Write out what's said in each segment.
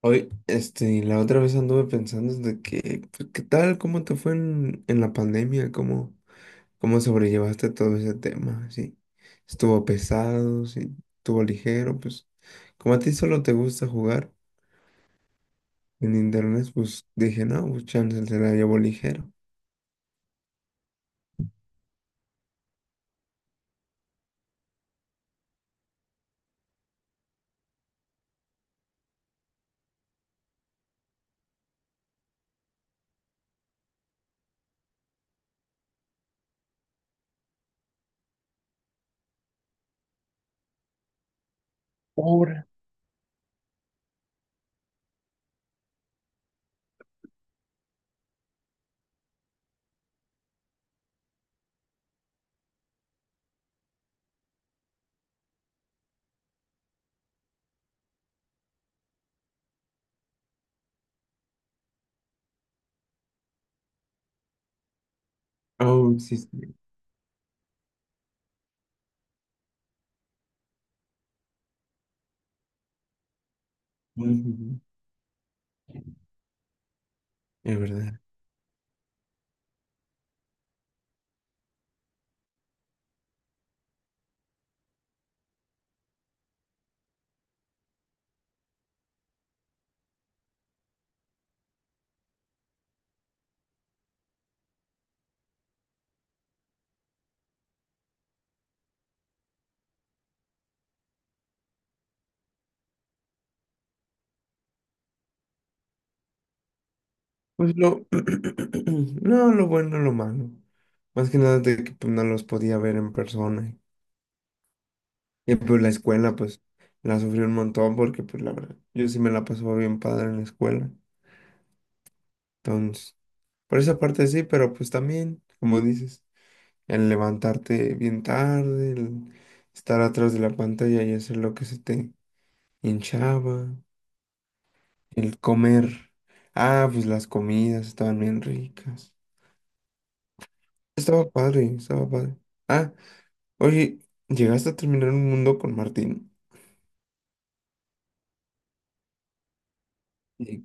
Hoy, la otra vez anduve pensando de que, pues, ¿qué tal? ¿Cómo te fue en la pandemia? ¿Cómo, cómo sobrellevaste todo ese tema? ¿Sí? ¿Estuvo pesado? ¿Sí? ¿Estuvo ligero? Pues, como a ti solo te gusta jugar en internet, pues dije, no, pues chance se la llevo ligero. Oh, sí, sí. Ujú. Es verdad. Pues lo, no, lo bueno, lo malo. Más que nada de que pues, no los podía ver en persona. Y pues la escuela, pues la sufrí un montón porque, pues la verdad, yo sí me la pasaba bien padre en la escuela. Entonces, por esa parte sí, pero pues también, como dices, el levantarte bien tarde, el estar atrás de la pantalla y hacer lo que se te hinchaba, el comer. Ah, pues las comidas estaban bien ricas. Estaba padre, estaba padre. Ah, oye, llegaste a terminar un mundo con Martín. Sí.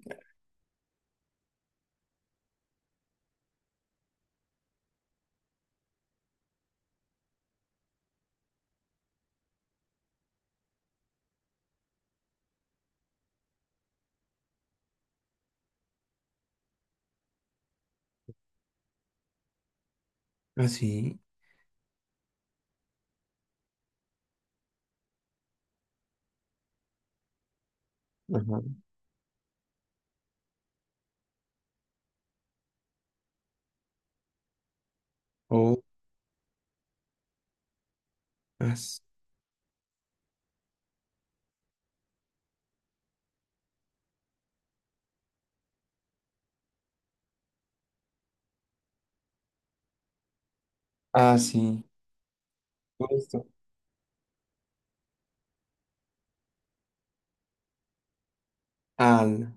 Ah, sí. Ajá. Oh, as- ah, sí. Justo. Al.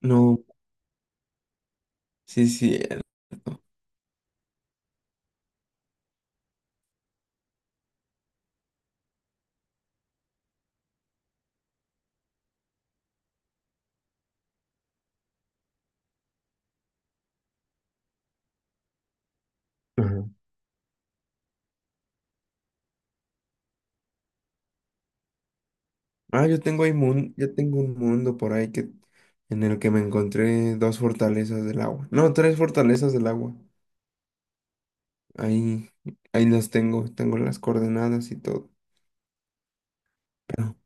No, sí, sí. El… Ajá. Ah, yo tengo un mundo por ahí que en el que me encontré dos fortalezas del agua. No, tres fortalezas del agua. Ahí, ahí las tengo, tengo las coordenadas y todo. Pero,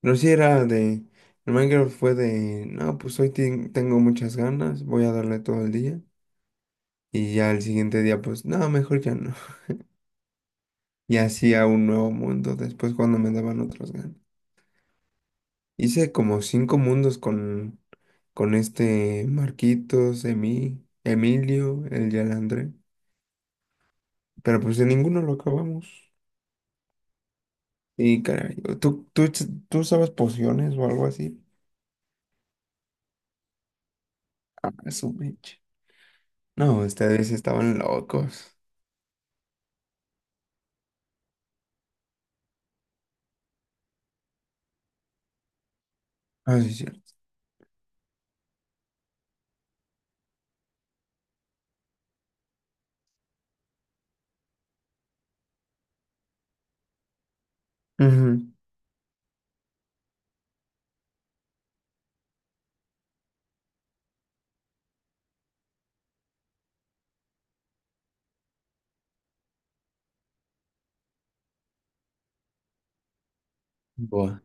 pero sí era de. El Minecraft fue de. No, pues tengo muchas ganas, voy a darle todo el día. Y ya el siguiente día, pues, no, mejor ya no. Y hacía un nuevo mundo después cuando me daban otras ganas. Hice como cinco mundos con este Marquitos, Emilio, el Yalandre. Pero pues de ninguno lo acabamos. Y caray, ¿ tú usabas pociones o algo así? A su mecha. No, ustedes estaban locos. Ah, sí, es cierto. Ujú. Buah.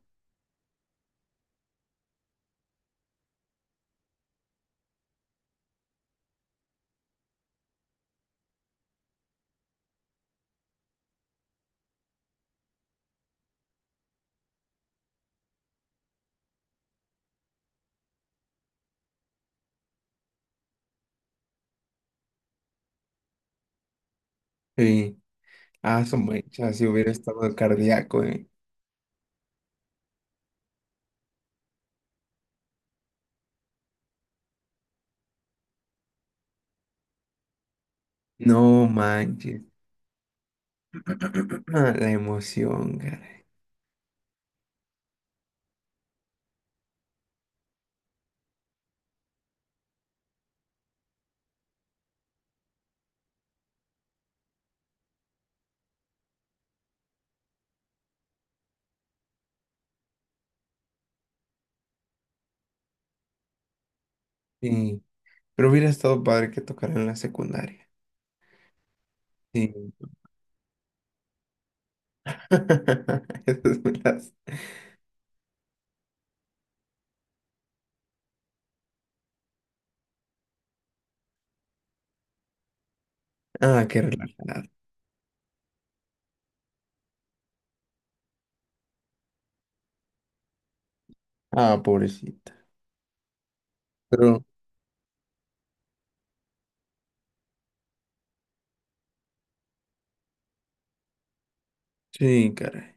Sí, a su mecha, si hubiera estado cardíaco, eh. No manches. La emoción, caray. Sí, pero hubiera estado padre que tocaran la secundaria. Sí. Esas me las… Ah, qué relajada. Ah, pobrecita. Pero, sí, caray.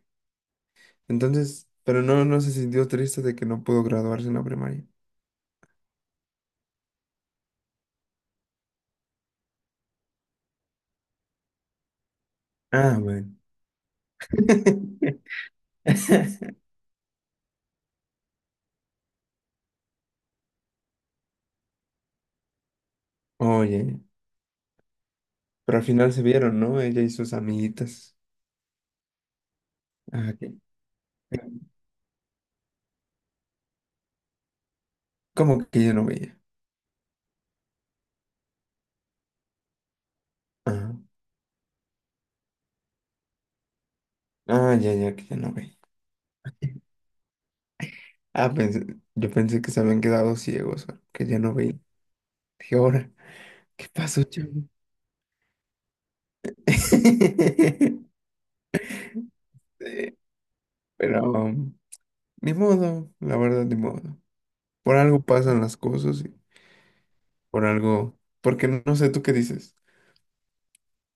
Entonces, pero no, no se sintió triste de que no pudo graduarse en la primaria. Ah, bueno. Oye, pero al final se vieron, ¿no? Ella y sus amiguitas. Ah, ok. ¿Cómo que yo no veía? Ah, ah, ya, ya, que ya no veía. Ah, pensé, yo pensé que se habían quedado ciegos, ¿no? Que ya no veía. Dije, ahora, ¿qué pasó, chavo? Sí, pero, ni modo, la verdad, ni modo. Por algo pasan las cosas y por algo… Porque no no sé, ¿tú qué dices?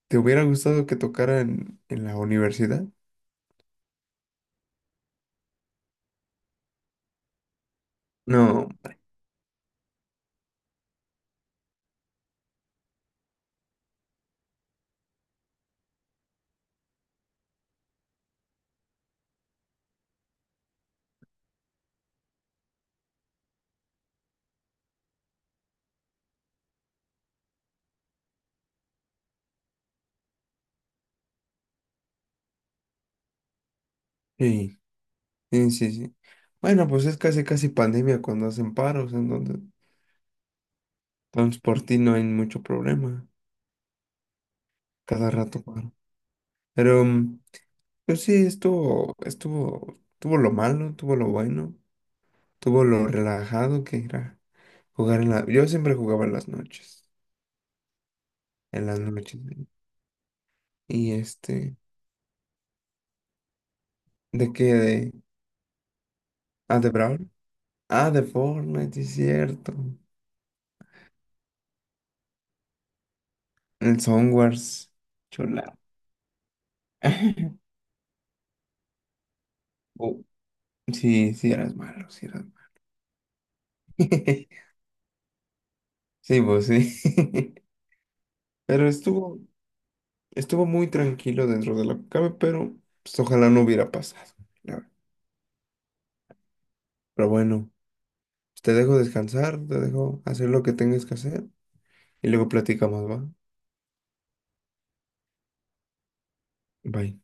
¿Te hubiera gustado que tocara en la universidad? No, sí, sí, sí, sí. Bueno, pues es casi, casi pandemia cuando hacen paros, entonces entonces por ti no hay mucho problema. Cada rato paro. Pero, mm, pues sí, estuvo, estuvo, tuvo lo malo, tuvo lo bueno, tuvo lo relajado que era jugar en la… Yo siempre jugaba en las noches, en las noches. ¿No? Y este, ¿de qué? De, ah, de Brawl. Ah, de Fortnite, sí es cierto. El Songwars. Chula. Oh, sí, sí, eras malo, sí, eras malo. Sí, pues sí. Pero estuvo, estuvo muy tranquilo dentro de la que cabe, pero pues, ojalá no hubiera pasado. La verdad. Pero bueno, te dejo descansar, te dejo hacer lo que tengas que hacer y luego platicamos, ¿va? Bye.